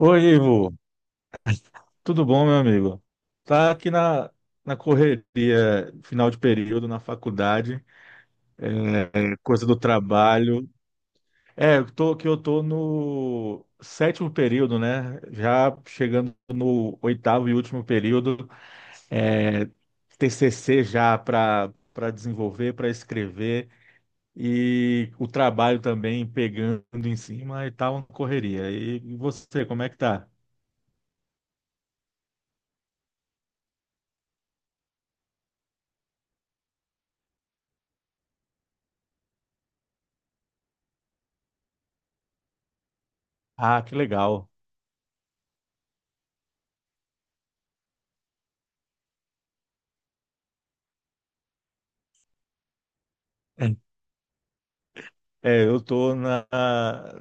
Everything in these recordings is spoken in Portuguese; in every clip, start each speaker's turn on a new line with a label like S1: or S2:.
S1: Oi, Ivo. Tudo bom, meu amigo? Tá aqui na correria, final de período, na faculdade, coisa do trabalho. É, que eu tô no sétimo período, né? Já chegando no oitavo e último período. É, TCC já para desenvolver, para escrever. E o trabalho também pegando em cima e tal, uma correria. E você, como é que tá? Ah, que legal. É, eu tô na,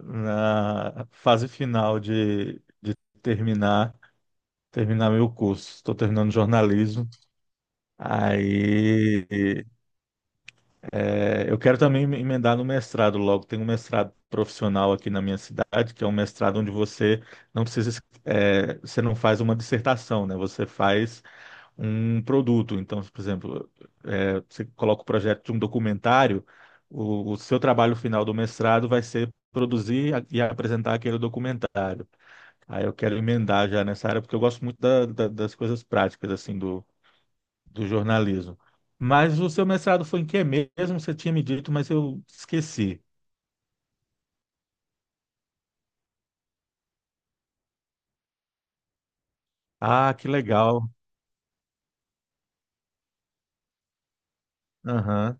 S1: na fase final de terminar terminar meu curso. Estou terminando jornalismo. Aí eu quero também me emendar no mestrado logo. Tem um mestrado profissional aqui na minha cidade, que é um mestrado onde você não precisa, você não faz uma dissertação, né? Você faz um produto. Então, por exemplo, você coloca o projeto de um documentário, o seu trabalho final do mestrado vai ser produzir e apresentar aquele documentário. Aí eu quero emendar já nessa área, porque eu gosto muito das coisas práticas, assim, do jornalismo. Mas o seu mestrado foi em que mesmo? Você tinha me dito, mas eu esqueci. Ah, que legal. Aham.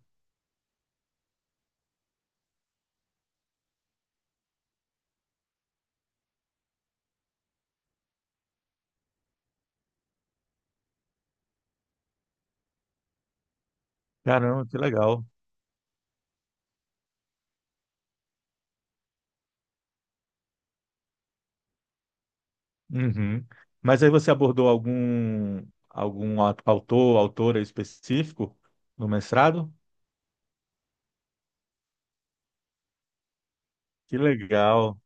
S1: Caramba, que legal. Uhum. Mas aí você abordou algum autor, autora específico no mestrado? Que legal.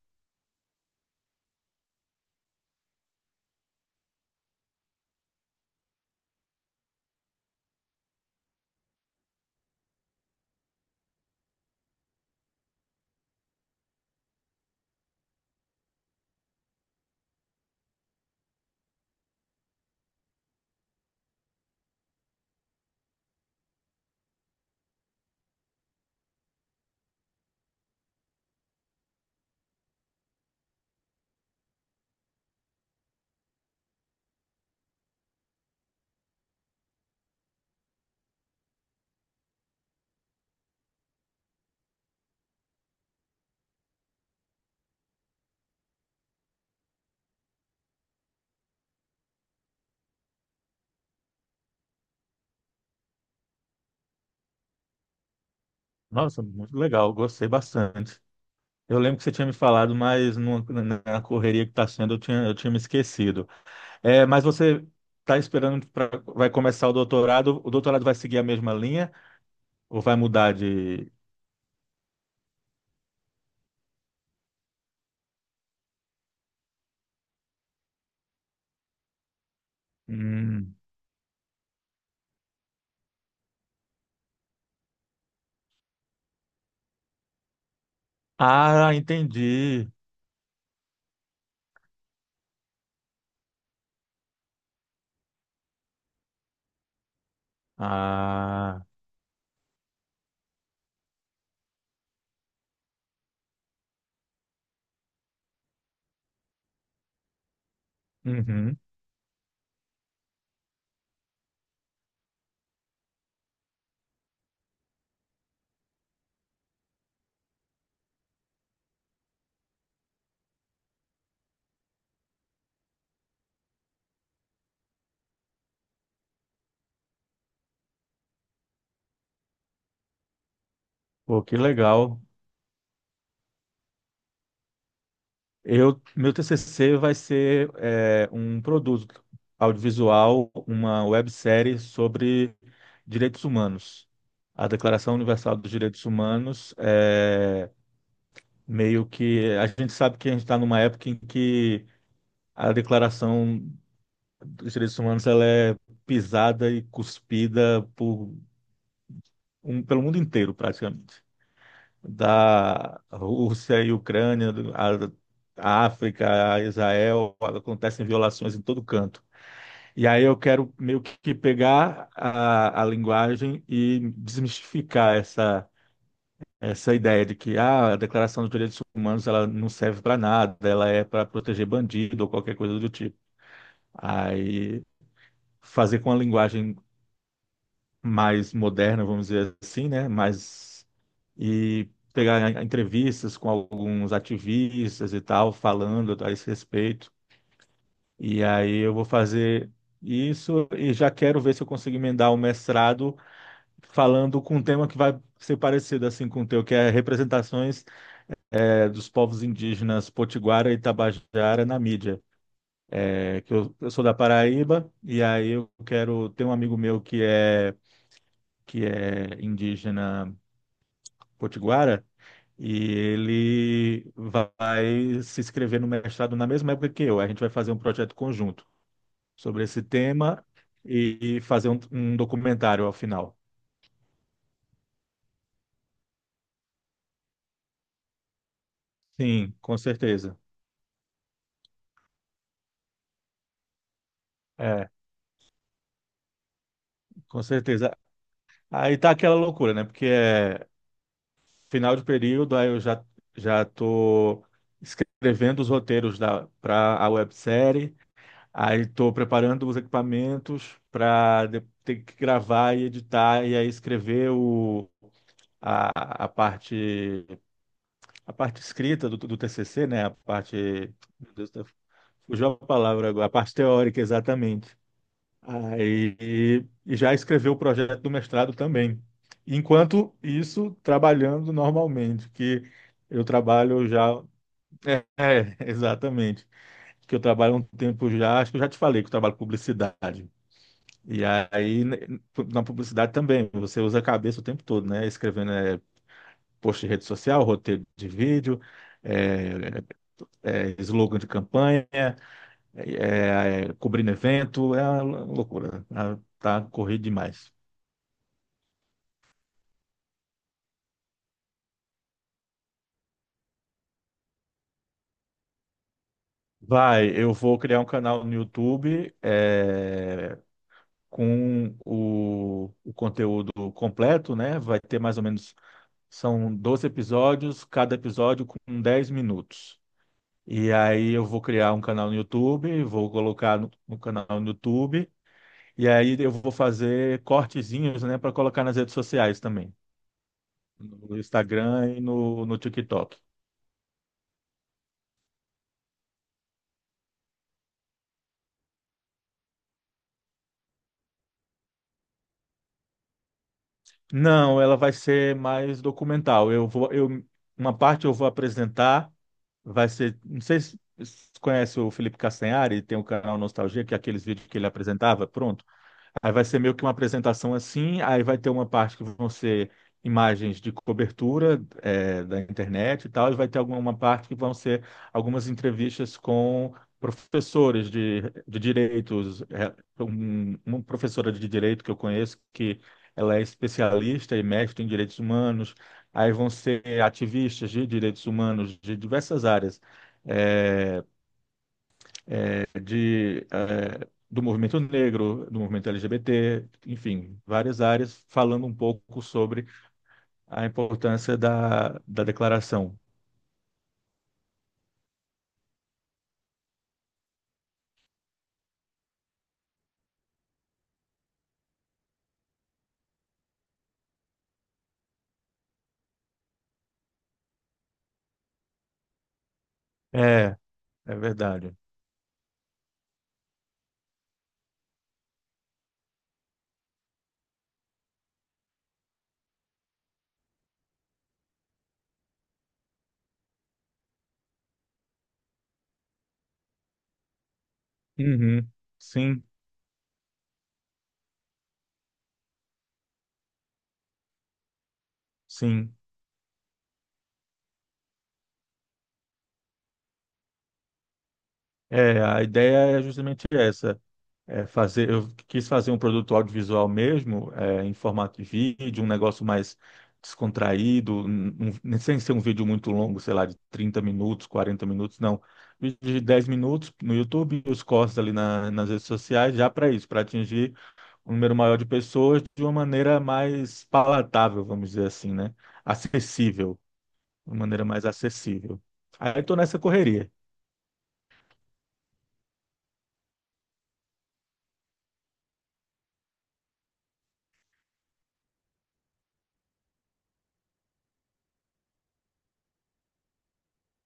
S1: Nossa, muito legal, gostei bastante. Eu lembro que você tinha me falado, mas na correria que está sendo, eu tinha me esquecido. É, mas você está esperando para vai começar o doutorado? O doutorado vai seguir a mesma linha ou vai mudar de? Hum. Ah, entendi. Ah, uhum. Pô, que legal. Meu TCC vai ser um produto audiovisual, uma websérie sobre direitos humanos. A Declaração Universal dos Direitos Humanos é meio que a gente sabe que a gente está numa época em que a Declaração dos Direitos Humanos ela é pisada e cuspida por pelo mundo inteiro, praticamente. Da Rússia e Ucrânia, a África, a Israel, acontecem violações em todo canto. E aí eu quero meio que pegar a linguagem e desmistificar essa ideia de que a Declaração dos Direitos Humanos ela não serve para nada, ela é para proteger bandido ou qualquer coisa do tipo. Aí fazer com a linguagem mais moderna, vamos dizer assim, né? Mais e pegar entrevistas com alguns ativistas e tal, falando a esse respeito. E aí eu vou fazer isso e já quero ver se eu consigo emendar o mestrado falando com um tema que vai ser parecido assim com o teu, que é representações dos povos indígenas Potiguara e Tabajara na mídia. É, que eu sou da Paraíba e aí eu quero ter um amigo meu que é indígena Potiguara E ele vai se inscrever no mestrado na mesma época que eu. A gente vai fazer um projeto conjunto sobre esse tema e fazer um documentário ao final. Sim, com certeza. É, com certeza. Aí tá aquela loucura, né? Porque é final de período, aí eu já tô escrevendo os roteiros da para a websérie, aí tô preparando os equipamentos para ter que gravar e editar e aí escrever o a, a parte a parte escrita do TCC, né? A parte, meu Deus, fugiu a palavra agora, a parte teórica, exatamente. Aí e já escreveu o projeto do mestrado também. Enquanto isso, trabalhando normalmente, que eu trabalho já, é, é, exatamente, que eu trabalho há um tempo já, acho que eu já te falei que eu trabalho com publicidade. E aí, né, na publicidade também, você usa a cabeça o tempo todo, né? Escrevendo post em rede social, roteiro de vídeo, é, slogan de campanha, cobrindo evento, é uma loucura. Tá, tá corrido demais. Vai, eu vou criar um canal no YouTube com o conteúdo completo, né? Vai ter mais ou menos, são 12 episódios, cada episódio com 10 minutos. E aí eu vou criar um canal no YouTube, vou colocar no canal no YouTube E aí eu vou fazer cortezinhos, né, para colocar nas redes sociais também, no Instagram e no TikTok. Não, ela vai ser mais documental. Uma parte eu vou apresentar, vai ser, não sei se você conhece o Felipe Castanhari, tem o canal Nostalgia, que é aqueles vídeos que ele apresentava, pronto. Aí vai ser meio que uma apresentação assim, aí vai ter uma parte que vão ser imagens de cobertura da internet e tal, e vai ter alguma uma parte que vão ser algumas entrevistas com professores de direitos. É, uma professora de direito que eu conheço, que ela é especialista e mestre em direitos humanos, aí vão ser ativistas de direitos humanos de diversas áreas. eh, do movimento negro, do movimento LGBT, enfim, várias áreas falando um pouco sobre a importância da declaração. É, é verdade. Uhum. Sim, sim. É, a ideia é justamente essa, fazer, eu quis fazer um produto audiovisual mesmo, em formato de vídeo, um negócio mais descontraído, sem ser um vídeo muito longo, sei lá, de 30 minutos, 40 minutos, não. Vídeo de 10 minutos no YouTube e os cortes ali nas redes sociais, já para isso, para atingir um número maior de pessoas de uma maneira mais palatável, vamos dizer assim, né? Acessível, de uma maneira mais acessível. Aí estou nessa correria.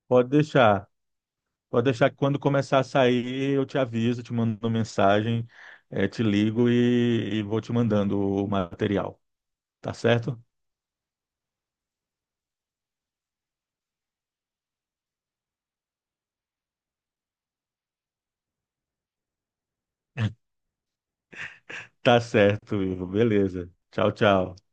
S1: Pode deixar. Pode deixar que quando começar a sair, eu te aviso, te mando uma mensagem, te ligo e vou te mandando o material. Tá certo? Tá certo, Ivo. Beleza. Tchau, tchau.